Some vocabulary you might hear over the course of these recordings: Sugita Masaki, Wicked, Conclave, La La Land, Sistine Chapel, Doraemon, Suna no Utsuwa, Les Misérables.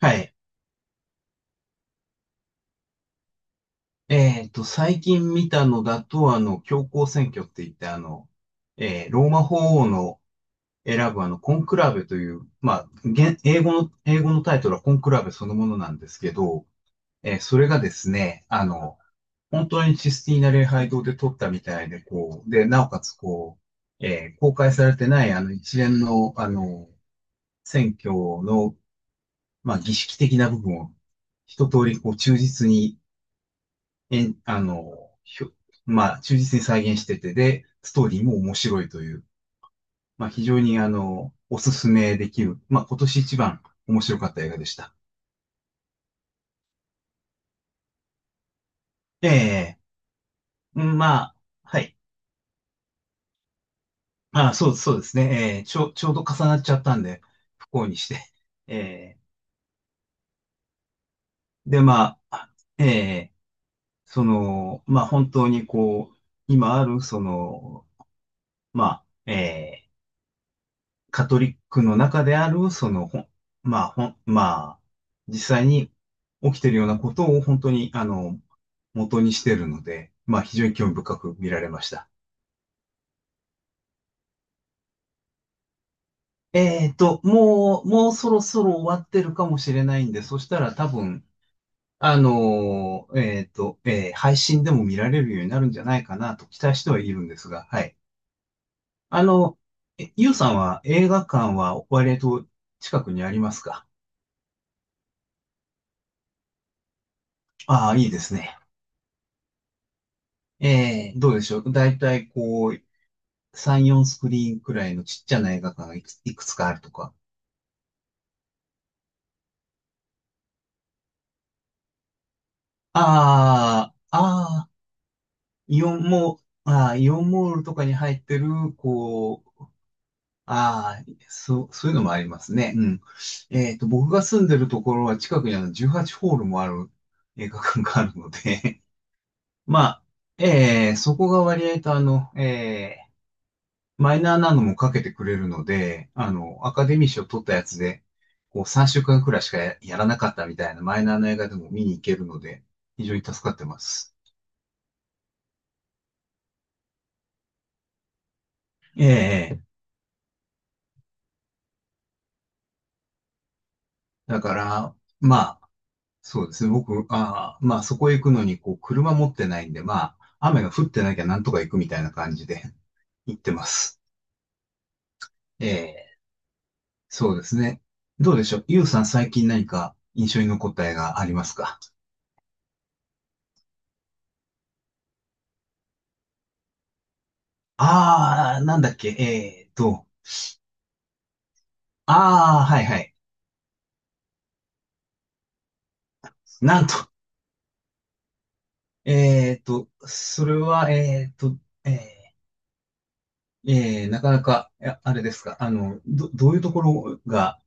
はい。最近見たのだと、教皇選挙って言って、ローマ法王の選ぶコンクラベという、まあ、現英語の、英語のタイトルはコンクラベそのものなんですけど、それがですね、本当にシスティーナ礼拝堂で撮ったみたいで、こう、で、なおかつ、こう、公開されてない、一連の、選挙の、まあ、儀式的な部分を、一通り、こう、忠実に、えん、あの、ひょ、まあ、忠実に再現してて、で、ストーリーも面白いという、まあ、非常に、おすすめできる、まあ、今年一番面白かった映画でした。ええ、うん、まあ、はい。あ、そう、そうですね。ええ、ちょうど重なっちゃったんで、不幸にして。ええ、で、まあ、ええ、まあ、本当にこう、今ある、まあ、ええ、カトリックの中である、まあ、まあ、実際に起きてるようなことを本当に、元にしてるので、まあ、非常に興味深く見られました。もうそろそろ終わってるかもしれないんで、そしたら多分、配信でも見られるようになるんじゃないかなと期待してはいるんですが、はい。あの、ゆうさんは映画館は割と近くにありますか？ああー、いいですね。ええ、どうでしょう。だいたいこう、3、4スクリーンくらいのちっちゃな映画館がいくつかあるとか。ああ、ああ、イオンモイオンモールとかに入ってる、こう、ああ、そう、そういうのもありますね。うん。僕が住んでるところは近くにあの18ホールもある映画館があるので、まあ、ええ、そこが割合とマイナーなのもかけてくれるので、アカデミー賞取ったやつで、こう3週間くらいしかやらなかったみたいなマイナーな映画でも見に行けるので、非常に助かってます。ええ、ええ、だから、まあ、そうですね。僕、まあ、そこへ行くのに、こう、車持ってないんで、まあ、雨が降ってなきゃなんとか行くみたいな感じで 行ってます。ええ、そうですね。どうでしょう。ゆうさん、最近何か印象に残った映画ありますか？ああー、なんだっけ、ああ、はいはい。なんと、それは、えなかなか、いやあれですか、どういうところが、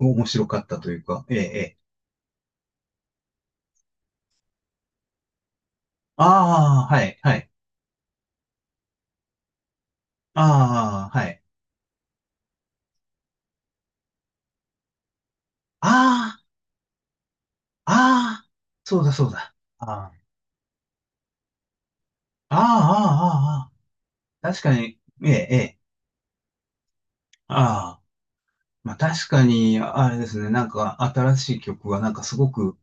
面白かったというか、ああ、はい、はい、ああ、はい、ああ、ああ、そうだ、そうだ、ああ、ああ、ああ、ああ、確かに、えーえああ、まあ確かに、あれですね、なんか新しい曲は、なんかすごく、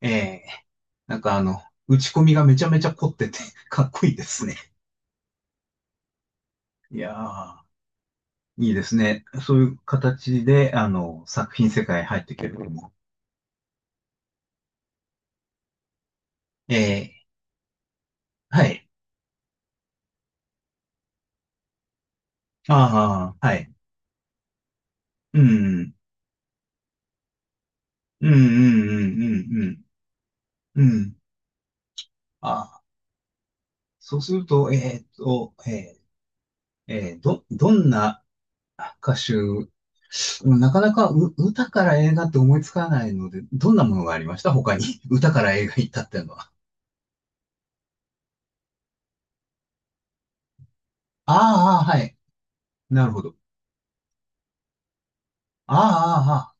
えー、なんか打ち込みがめちゃめちゃ凝ってて、かっこいいですね。いやー、いいですね。そういう形で、作品世界入っていけるのも。ええ、はい。ああ、はい。うん、うん、うん、うん、うん、うん。うん、あそうすると、どんな歌手、うん、なかなか歌から映画って思いつかないので、どんなものがありました他に？歌から映画行ったっていうのは。ああ、はい。なるほど。ああ、ああ、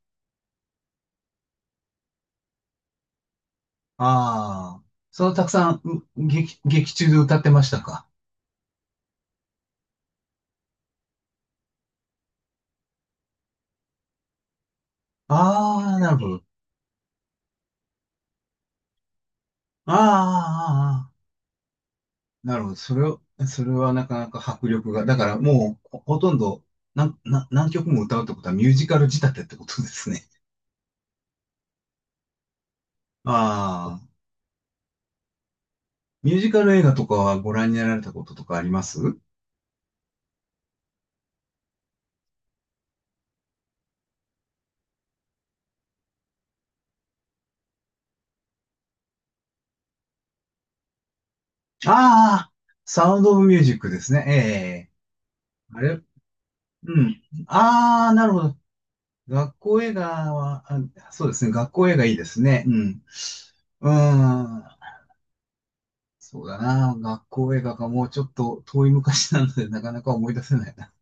ああ、そのたくさん、劇中で歌ってましたか？ああ、なるほど。ああ、ああああ、なるほど。それはなかなか迫力が。だからもう、ほとんど、なん、な、何曲も歌うってことはミュージカル仕立てってことですね。ああ、ミュージカル映画とかはご覧になられたこととかあります？ああ、サウンドオブミュージックですね。ええ、あれ、うん。ああ、なるほど。学校映画は、あ、そうですね。学校映画いいですね。うん。うーん。そうだな。学校映画がもうちょっと遠い昔なので、なかなか思い出せないな。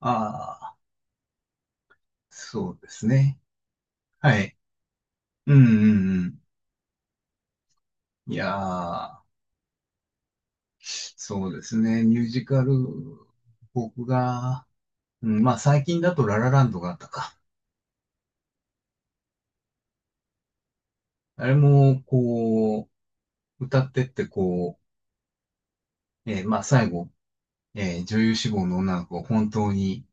ああ、そうですね。はい。うんうんうん。いやー、そうですね。ミュージカル、僕が、うん、まあ最近だとララランドがあったか。あれも、こう、歌ってって、こう、まあ最後、女優志望の女の子が本当に、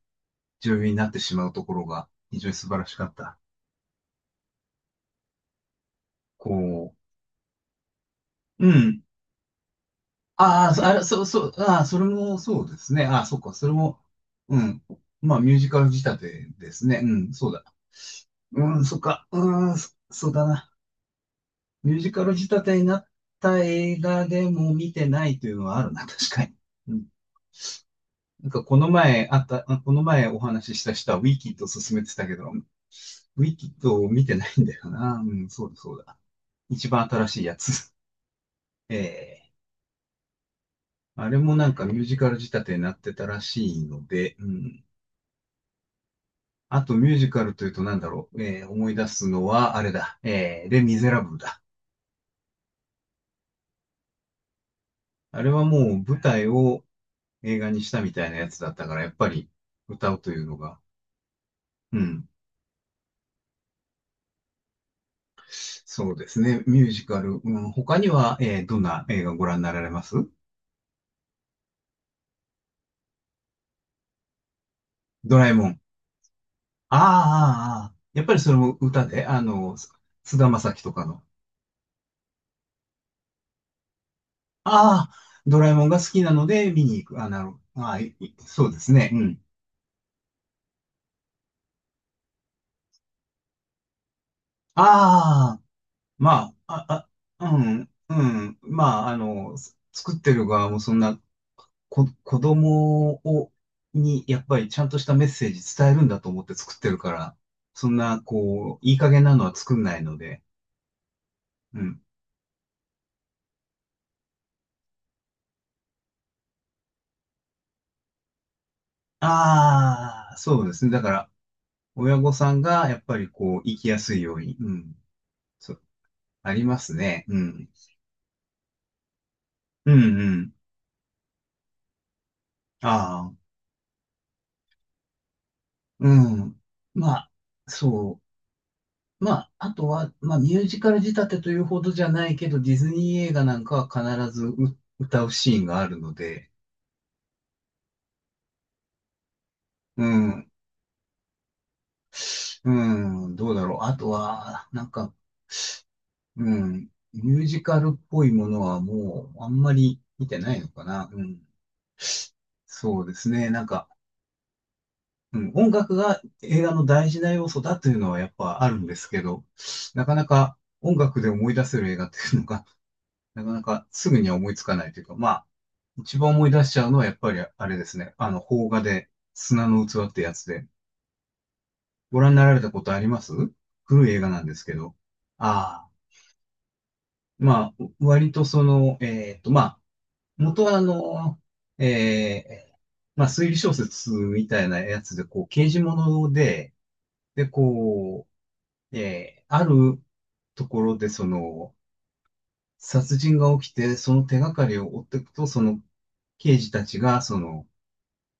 女優になってしまうところが非常に素晴らしかった。こう、うん。ああ、そう、そう、ああ、それもそうですね。ああ、そっか、それも、うん。まあ、ミュージカル仕立てですね。うん、そうだ。うん、そっか、うん、そうだな。ミュージカル仕立てになった映画でも見てないというのはあるな、確かに。うん。なんか、この前お話しした人はウィキッドを勧めてたけど、ウィキッドを見てないんだよな。うん、そうだ、そうだ。一番新しいやつ。ええ。あれもなんかミュージカル仕立てになってたらしいので、うん。あとミュージカルというとなんだろう、思い出すのはあれだ、レ・ミゼラブルだ。あれはもう舞台を映画にしたみたいなやつだったから、やっぱり歌うというのが、うん。そうですね、ミュージカル。うん、他には、どんな映画ご覧になられます？ドラえもん。ああ、ああああ、やっぱりそれも歌で、菅田将暉とかの。ああ、ドラえもんが好きなので見に行く。あ、なるほど。ああ、いい、そうですね。うん。ああ、まあ、あ、あ、うん、うん。まあ、作ってる側もそんな、子供に、やっぱりちゃんとしたメッセージ伝えるんだと思って作ってるから、そんな、こう、いい加減なのは作んないので、うん。ああ、そうですね。だから、親御さんが、やっぱりこう、生きやすいように、うん。そう、ありますね。うん。うん、うん。ああ、うん。まあ、そう。まあ、あとは、まあ、ミュージカル仕立てというほどじゃないけど、ディズニー映画なんかは必ず歌うシーンがあるので、うん、うん、どうだろう。あとは、なんか、うん、ミュージカルっぽいものはもう、あんまり見てないのかな。うん、そうですね。なんか、うん、音楽が映画の大事な要素だというのはやっぱあるんですけど、なかなか音楽で思い出せる映画っていうのがなかなかすぐには思いつかないというか、まあ、一番思い出しちゃうのはやっぱりあれですね。邦画で砂の器ってやつで。ご覧になられたことあります？古い映画なんですけど。ああ。まあ、割とその、まあ、元はえー、まあ、推理小説みたいなやつで、こう、刑事物で、で、こう、あるところで、殺人が起きて、その手がかりを追っていくと、その刑事たちが、その、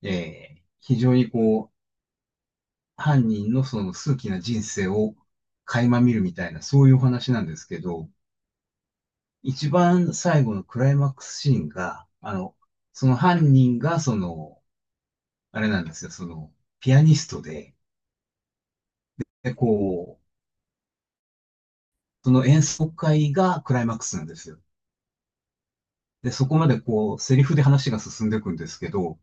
えー非常にこう、犯人のその数奇な人生を垣間見るみたいな、そういうお話なんですけど、一番最後のクライマックスシーンが、その犯人が、あれなんですよ、ピアニストで、で、こう、その演奏会がクライマックスなんですよ。で、そこまでこう、セリフで話が進んでいくんですけど、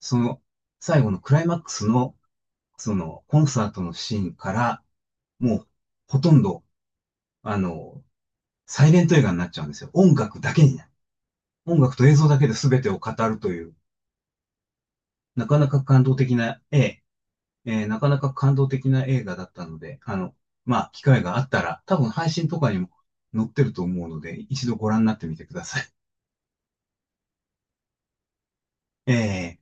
その、最後のクライマックスのコンサートのシーンから、もう、ほとんど、あの、サイレント映画になっちゃうんですよ。音楽だけになる。音楽と映像だけで全てを語るという、なかなか感動的な絵、えなかなか感動的な映画だったので、まあ、機会があったら、多分配信とかにも載ってると思うので、一度ご覧になってみてください。え